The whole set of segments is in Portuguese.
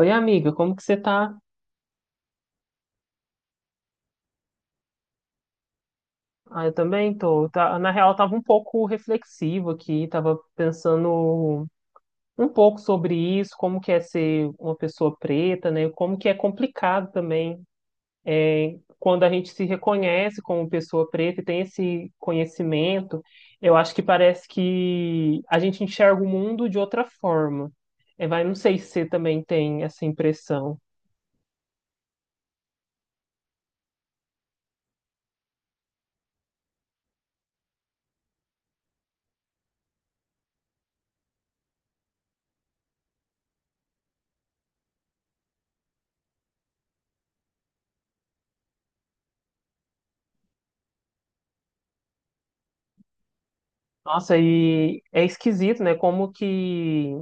Oi, amiga, como que você tá? Ah, eu também tô. Na real, eu tava um pouco reflexivo aqui, tava pensando um pouco sobre isso, como que é ser uma pessoa preta, né? Como que é complicado também quando a gente se reconhece como pessoa preta e tem esse conhecimento, eu acho que parece que a gente enxerga o mundo de outra forma. É, vai, não sei se você também tem essa impressão. Nossa, e é esquisito, né? Como que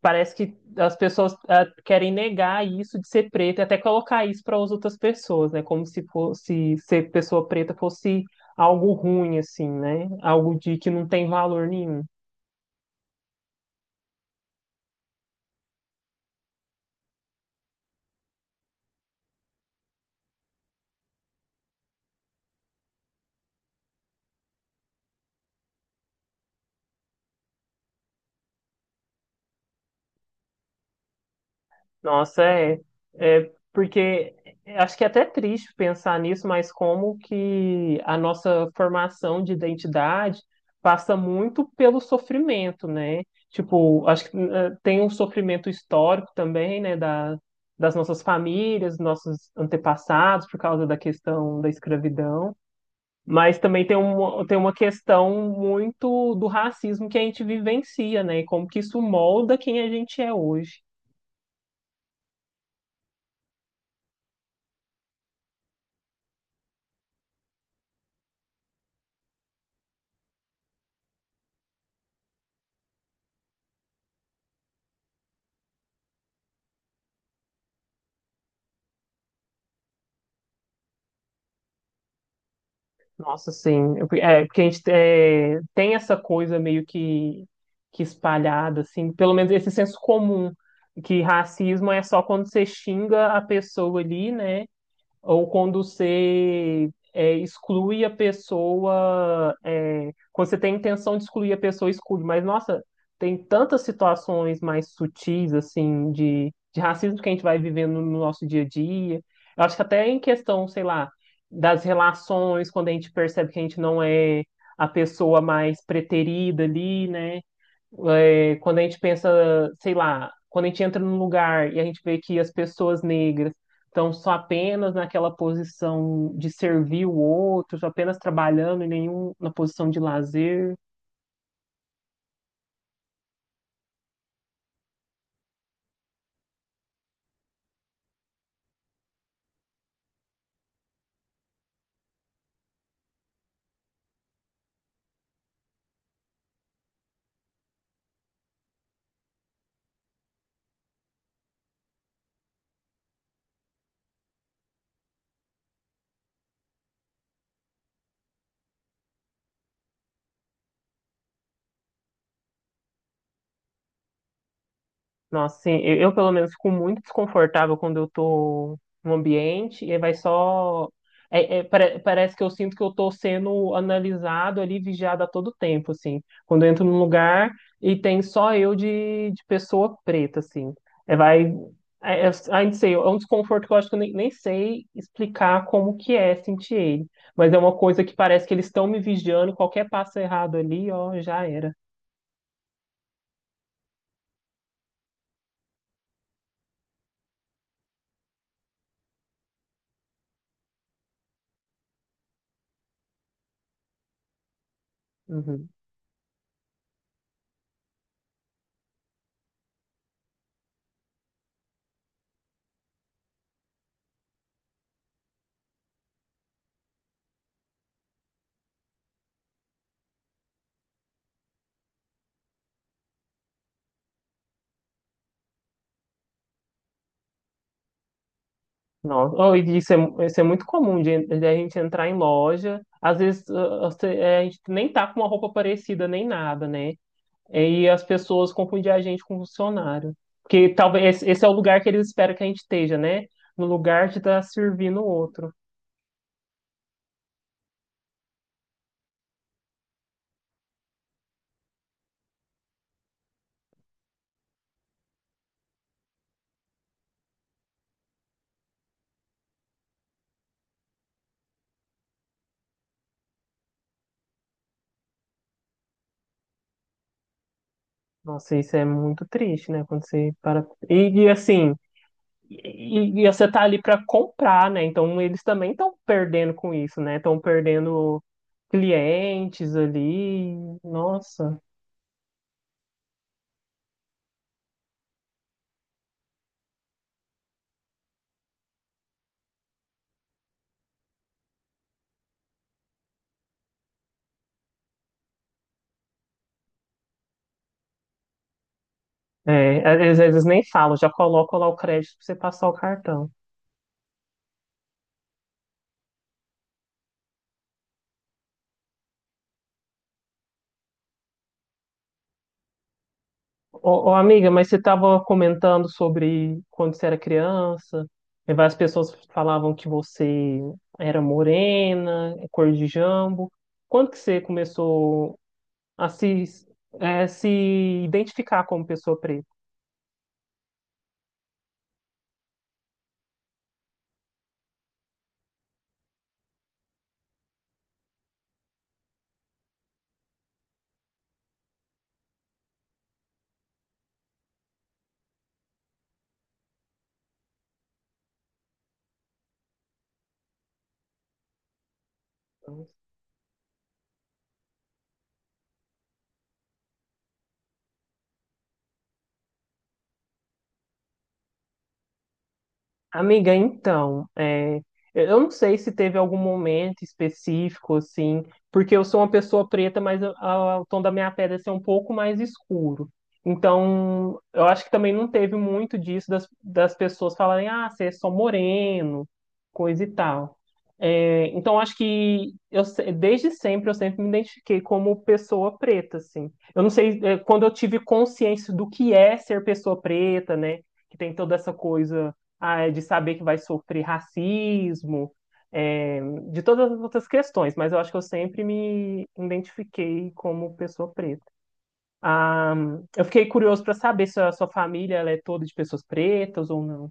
Parece que as pessoas querem negar isso de ser preta e até colocar isso para as outras pessoas, né? Como se fosse ser pessoa preta fosse algo ruim, assim, né? Algo de que não tem valor nenhum. Nossa, é, é porque acho que é até triste pensar nisso, mas como que a nossa formação de identidade passa muito pelo sofrimento, né? Tipo, acho que tem um sofrimento histórico também, né, das nossas famílias, nossos antepassados, por causa da questão da escravidão, mas também tem tem uma questão muito do racismo que a gente vivencia, né? E como que isso molda quem a gente é hoje. Nossa, sim. É, porque a gente é, tem essa coisa meio que espalhada, assim, pelo menos esse senso comum, que racismo é só quando você xinga a pessoa ali, né? Ou quando você exclui a pessoa, é, quando você tem a intenção de excluir a pessoa, exclui. Mas, nossa, tem tantas situações mais sutis, assim, de racismo que a gente vai vivendo no nosso dia a dia. Eu acho que até em questão, sei lá, das relações, quando a gente percebe que a gente não é a pessoa mais preterida ali, né? É, quando a gente pensa, sei lá, quando a gente entra num lugar e a gente vê que as pessoas negras estão só apenas naquela posição de servir o outro, só apenas trabalhando e nenhum na posição de lazer. Nossa, sim, eu, pelo menos fico muito desconfortável quando eu tô no ambiente e aí vai só. Parece que eu sinto que eu tô sendo analisado ali, vigiado a todo tempo, assim. Quando eu entro num lugar e tem só eu de pessoa preta, assim. É, vai. É, é, ai, não sei, é um desconforto que eu acho que eu nem sei explicar como que é sentir ele. Mas é uma coisa que parece que eles estão me vigiando, qualquer passo errado ali, ó, já era. Uhum. Nossa, oh, e isso é, isso é muito comum de a gente entrar em loja, às vezes é, a gente nem tá com uma roupa parecida nem nada, né? E as pessoas confundem a gente com funcionário. Porque talvez esse é o lugar que eles esperam que a gente esteja, né? No lugar de estar servindo o outro. Nossa, isso é muito triste, né? Quando você para. Assim, e você tá ali para comprar, né? Então eles também estão perdendo com isso, né? Estão perdendo clientes ali. Nossa. É, às vezes nem falo, já coloco lá o crédito para você passar o cartão. Ô, ô, amiga, mas você estava comentando sobre quando você era criança, e várias pessoas falavam que você era morena, cor de jambo. Quando que você começou a se identificar como pessoa preta? Amiga, então, é, eu não sei se teve algum momento específico, assim, porque eu sou uma pessoa preta, mas o tom da minha pele assim, é um pouco mais escuro. Então, eu acho que também não teve muito disso das pessoas falarem, ah, você é só moreno, coisa e tal. É, então, acho que eu, se- desde sempre eu sempre me identifiquei como pessoa preta, assim. Eu não sei, é, quando eu tive consciência do que é ser pessoa preta, né? Que tem toda essa coisa é de saber que vai sofrer racismo, é, de todas as outras questões, mas eu acho que eu sempre me identifiquei como pessoa preta. Ah, eu fiquei curioso para saber se a sua família ela é toda de pessoas pretas ou não.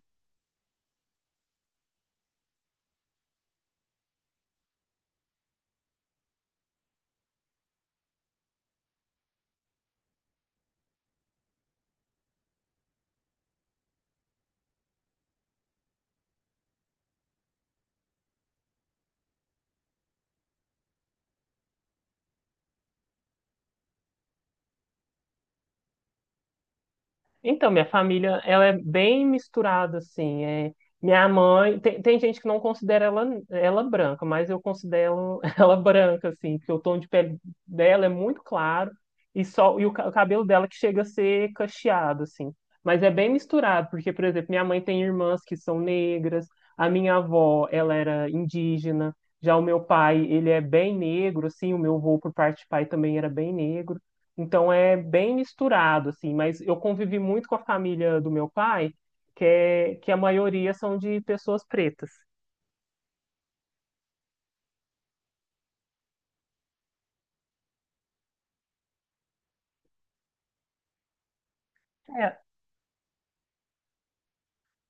Então, minha família, ela é bem misturada, assim. É, minha mãe, tem gente que não considera ela branca, mas eu considero ela branca, assim, porque o tom de pele dela é muito claro e só e o cabelo dela que chega a ser cacheado, assim. Mas é bem misturado, porque, por exemplo, minha mãe tem irmãs que são negras, a minha avó, ela era indígena, já o meu pai, ele é bem negro, assim, o meu avô por parte de pai também era bem negro. Então é bem misturado, assim, mas eu convivi muito com a família do meu pai, que a maioria são de pessoas pretas.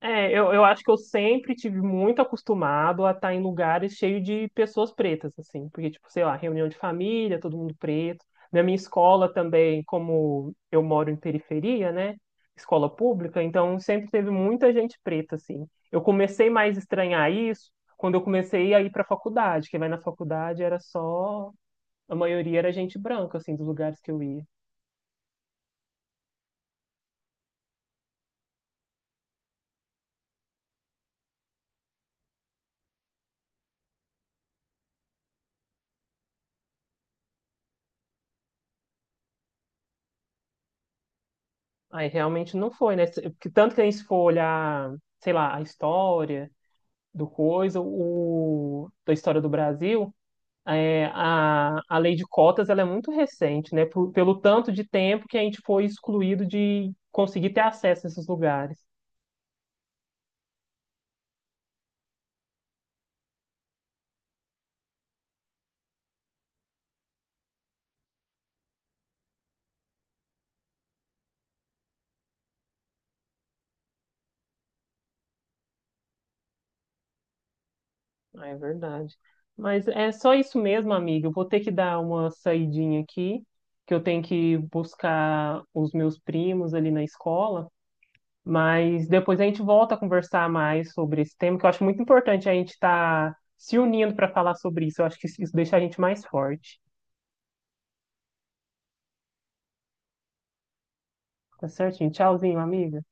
É, eu acho que eu sempre tive muito acostumado a estar em lugares cheios de pessoas pretas, assim, porque, tipo, sei lá, reunião de família, todo mundo preto. Na minha escola também, como eu moro em periferia, né? Escola pública, então sempre teve muita gente preta, assim. Eu comecei mais a estranhar isso quando eu comecei a ir para a faculdade, que vai na faculdade era só, a maioria era gente branca, assim, dos lugares que eu ia. Aí realmente não foi, né? Porque tanto que a gente for olhar, sei lá, a história da história do Brasil, é, a lei de cotas ela é muito recente, né? Pelo tanto de tempo que a gente foi excluído de conseguir ter acesso a esses lugares. Ah, é verdade. Mas é só isso mesmo, amiga. Eu vou ter que dar uma saidinha aqui, que eu tenho que buscar os meus primos ali na escola. Mas depois a gente volta a conversar mais sobre esse tema, que eu acho muito importante a gente estar se unindo para falar sobre isso. Eu acho que isso deixa a gente mais forte. Tá certinho. Tchauzinho, amiga.